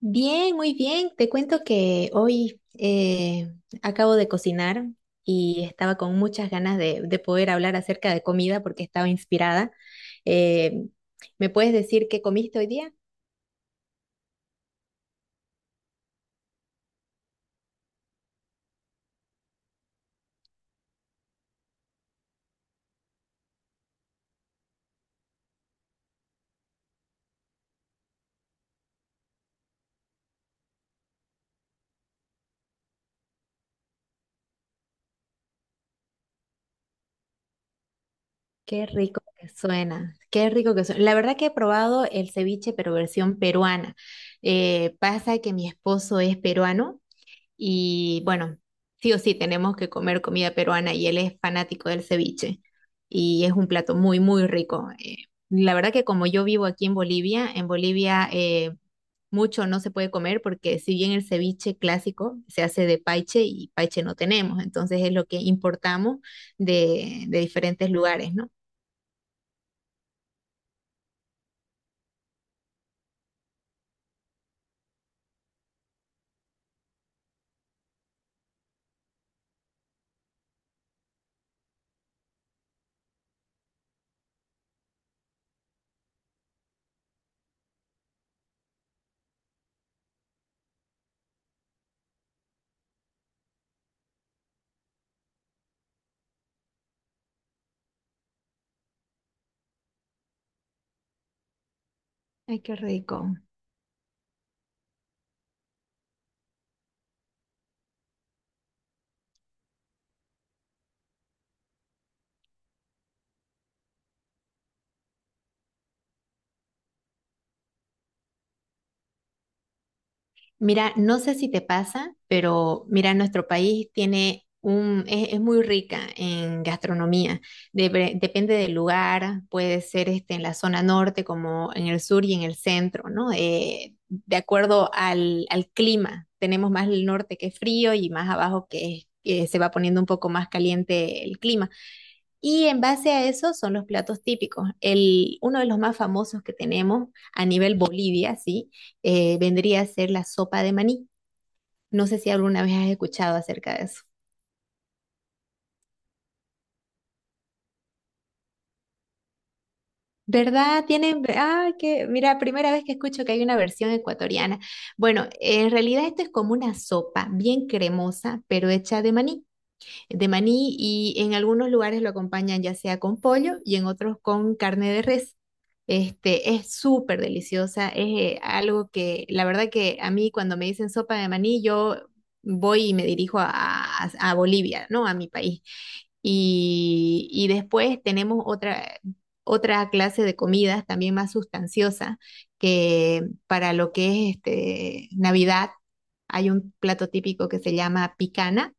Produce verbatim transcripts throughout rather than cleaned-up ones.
Bien, muy bien. Te cuento que hoy eh, acabo de cocinar y estaba con muchas ganas de, de poder hablar acerca de comida porque estaba inspirada. Eh, ¿Me puedes decir qué comiste hoy día? Qué rico que suena, qué rico que suena. La verdad que he probado el ceviche, pero versión peruana. Eh, pasa que mi esposo es peruano. Y bueno, sí o sí tenemos que comer comida peruana y él es fanático del ceviche y es un plato muy, muy rico. Eh, la verdad que como yo vivo aquí en Bolivia, en Bolivia eh, mucho no se puede comer porque si bien el ceviche clásico se hace de paiche y paiche no tenemos, entonces es lo que importamos de, de diferentes lugares, ¿no? Ay, qué rico. Mira, no sé si te pasa, pero mira, nuestro país tiene un, es, es muy rica en gastronomía. Depre- depende del lugar, puede ser este, en la zona norte como en el sur y en el centro, ¿no? Eh, de acuerdo al, al clima, tenemos más el norte que es frío y más abajo que, es- que se va poniendo un poco más caliente el clima. Y en base a eso son los platos típicos. El, uno de los más famosos que tenemos a nivel Bolivia, sí, eh, vendría a ser la sopa de maní. No sé si alguna vez has escuchado acerca de eso. ¿Verdad? Tienen, ah, que, mira, primera vez que escucho que hay una versión ecuatoriana. Bueno, en realidad esto es como una sopa bien cremosa, pero hecha de maní. De maní, y en algunos lugares lo acompañan ya sea con pollo y en otros con carne de res. Este, es súper deliciosa, es eh, algo que la verdad que a mí cuando me dicen sopa de maní, yo voy y me dirijo a, a- a Bolivia, ¿no? A mi país. Y, y después tenemos otra, otra clase de comidas también más sustanciosa que para lo que es este, Navidad. Hay un plato típico que se llama picana,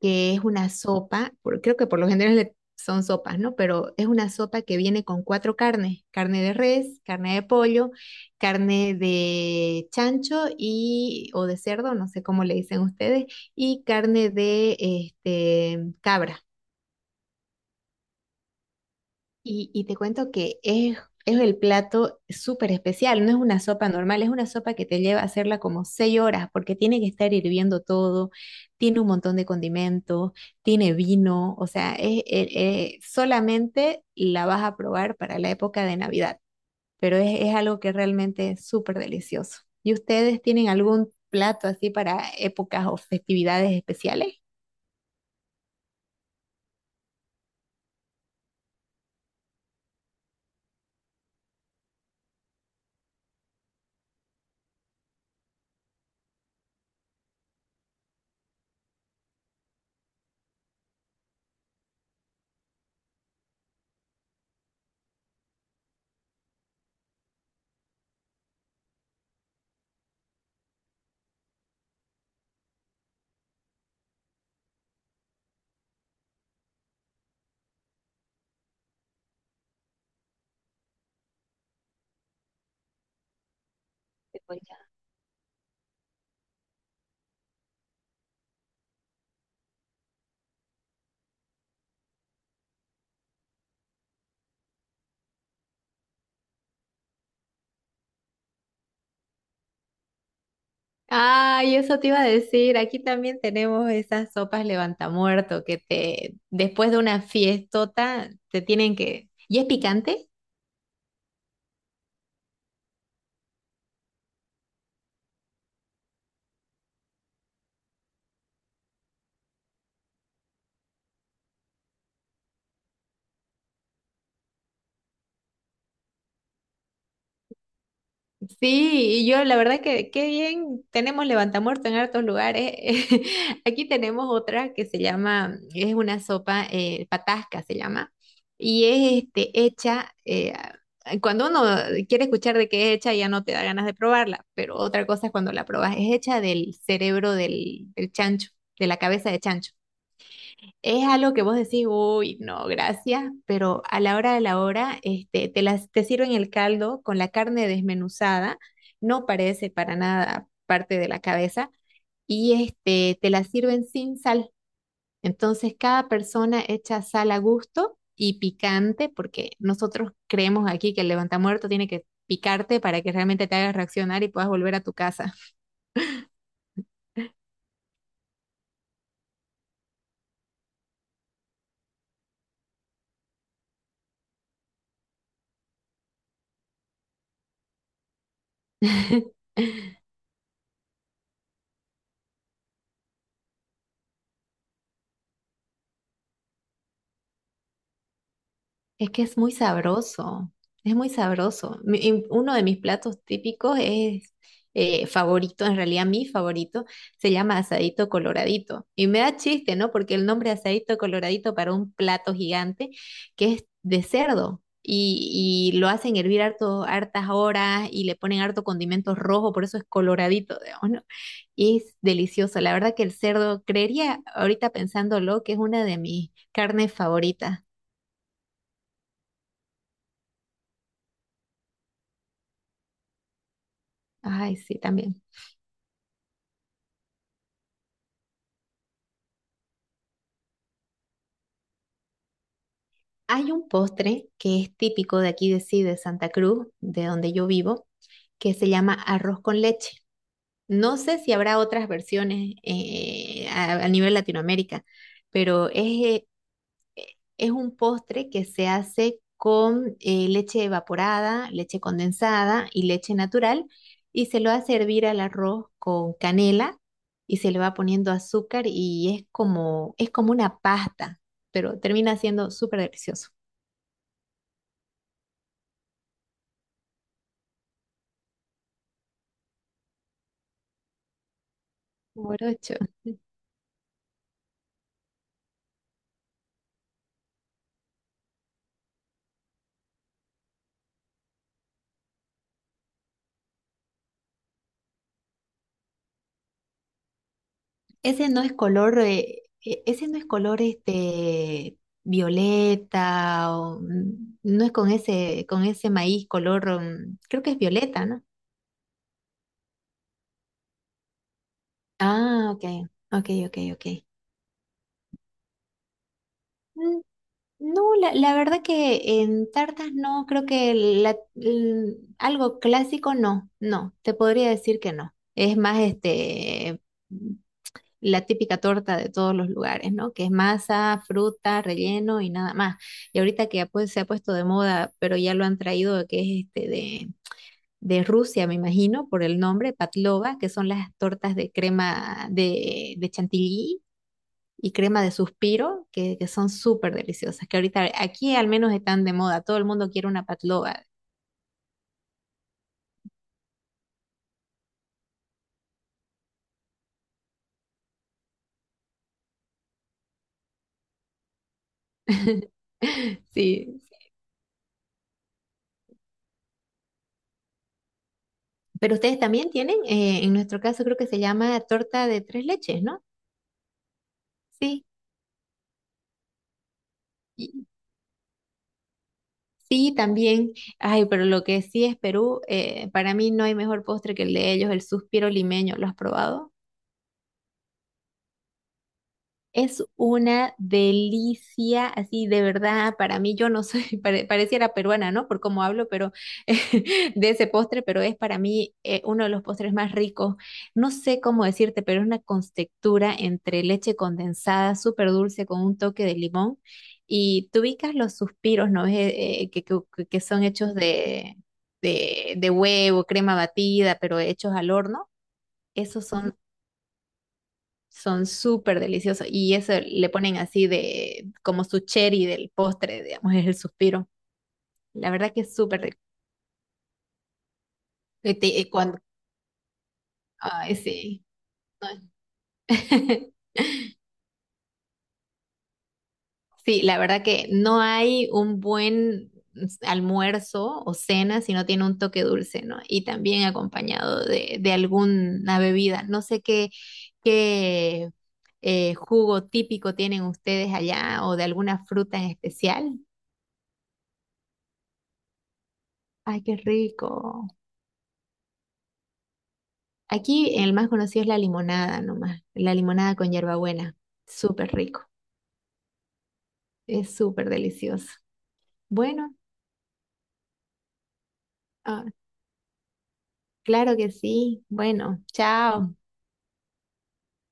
que es una sopa, por- creo que por lo general le- son sopas, ¿no? Pero es una sopa que viene con cuatro carnes, carne de res, carne de pollo, carne de chancho y o de cerdo, no sé cómo le dicen ustedes, y carne de este cabra. Y, y te cuento que es, es el plato súper especial, no es una sopa normal, es una sopa que te lleva a hacerla como seis horas porque tiene que estar hirviendo todo, tiene un montón de condimentos, tiene vino, o sea, es, es- es- solamente la vas a probar para la época de Navidad, pero es, es algo que realmente es súper delicioso. ¿Y ustedes tienen algún plato así para épocas o festividades especiales? Ay, eso te iba a decir. Aquí también tenemos esas sopas levantamuerto que te, después de una fiestota, te tienen que. ¿Y es picante? Sí, y yo la verdad que qué bien, tenemos levantamuerto en hartos lugares. Aquí tenemos otra que se llama, es una sopa, eh, patasca se llama, y es este, hecha, eh, a- cuando uno quiere escuchar de qué es hecha ya no te da ganas de probarla, pero otra cosa es cuando la probas, es hecha del cerebro del, del chancho, de la cabeza de chancho. Es algo que vos decís, uy, no, gracias, pero a la hora de la hora, este, te las, te sirven el caldo con la carne desmenuzada, no parece para nada parte de la cabeza, y este, te la sirven sin sal. Entonces, cada persona echa sal a gusto y picante, porque nosotros creemos aquí que el levantamuerto tiene que picarte para que realmente te hagas reaccionar y puedas volver a tu casa. Es que es muy sabroso, es muy sabroso. Mi- y uno de mis platos típicos es eh, favorito, en realidad mi favorito, se llama asadito coloradito. Y me da chiste, ¿no? Porque el nombre asadito coloradito para un plato gigante que es de cerdo. Y, y lo hacen hervir harto, hartas horas y le ponen harto condimento rojo, por eso es coloradito, digamos, ¿no? Y es delicioso. La verdad que el cerdo, creería ahorita pensándolo, que es una de mis carnes favoritas. Ay, sí, también. Hay un postre que es típico de aquí de sí, de Santa Cruz, de donde yo vivo, que se llama arroz con leche. No sé si habrá otras versiones eh, a, a nivel Latinoamérica, pero es, eh, es un postre que se hace con eh, leche evaporada, leche condensada y leche natural, y se lo hace hervir al arroz con canela y se le va poniendo azúcar y es como, es como una pasta, pero termina siendo súper delicioso. Morocho. Ese no es color, eh, e- ese no es color este violeta o mm, no es con ese, con ese maíz color, mm, creo que es violeta, ¿no? Ah, ok, ok, ok, ok. Mm, no, la, la verdad que en tartas no, creo que la- l- algo clásico no, no, te podría decir que no. Es más este la típica torta de todos los lugares, ¿no? Que es masa, fruta, relleno y nada más. Y ahorita que ya, pues, se ha puesto de moda, pero ya lo han traído, que es este de, de Rusia, me imagino, por el nombre, patlova, que son las tortas de crema de, de chantilly y crema de suspiro, que, que son súper deliciosas, que ahorita aquí al menos están de moda, todo el mundo quiere una patlova. Sí. Pero ustedes también tienen, eh, en nuestro caso creo que se llama torta de tres leches, ¿no? Sí. Sí, también. Ay, pero lo que sí es Perú, eh, para mí no hay mejor postre que el de ellos, el suspiro limeño. ¿Lo has probado? Es una delicia, así de verdad, para mí yo no soy, pare- pareciera peruana, ¿no? Por cómo hablo, pero de ese postre, pero es para mí eh, uno de los postres más ricos. No sé cómo decirte, pero es una textura entre leche condensada, súper dulce, con un toque de limón. Y tú ubicas los suspiros, ¿no? Es, eh, eh, que, que- que- que son hechos de, de, de huevo, crema batida, pero hechos al horno. Esos son son súper deliciosos. Y eso le ponen así de como su cherry del postre, digamos, es el suspiro. La verdad que es súper rico. Y te- y cuando, ay, sí. Sí, la verdad que no hay un buen almuerzo o cena si no tiene un toque dulce, ¿no? Y también acompañado de, de alguna bebida. No sé qué, qué eh, jugo típico tienen ustedes allá o de alguna fruta en especial. Ay, qué rico. Aquí el más conocido es la limonada nomás, la limonada con hierbabuena. Súper rico, es súper delicioso. Bueno, ah, claro que sí. Bueno, chao.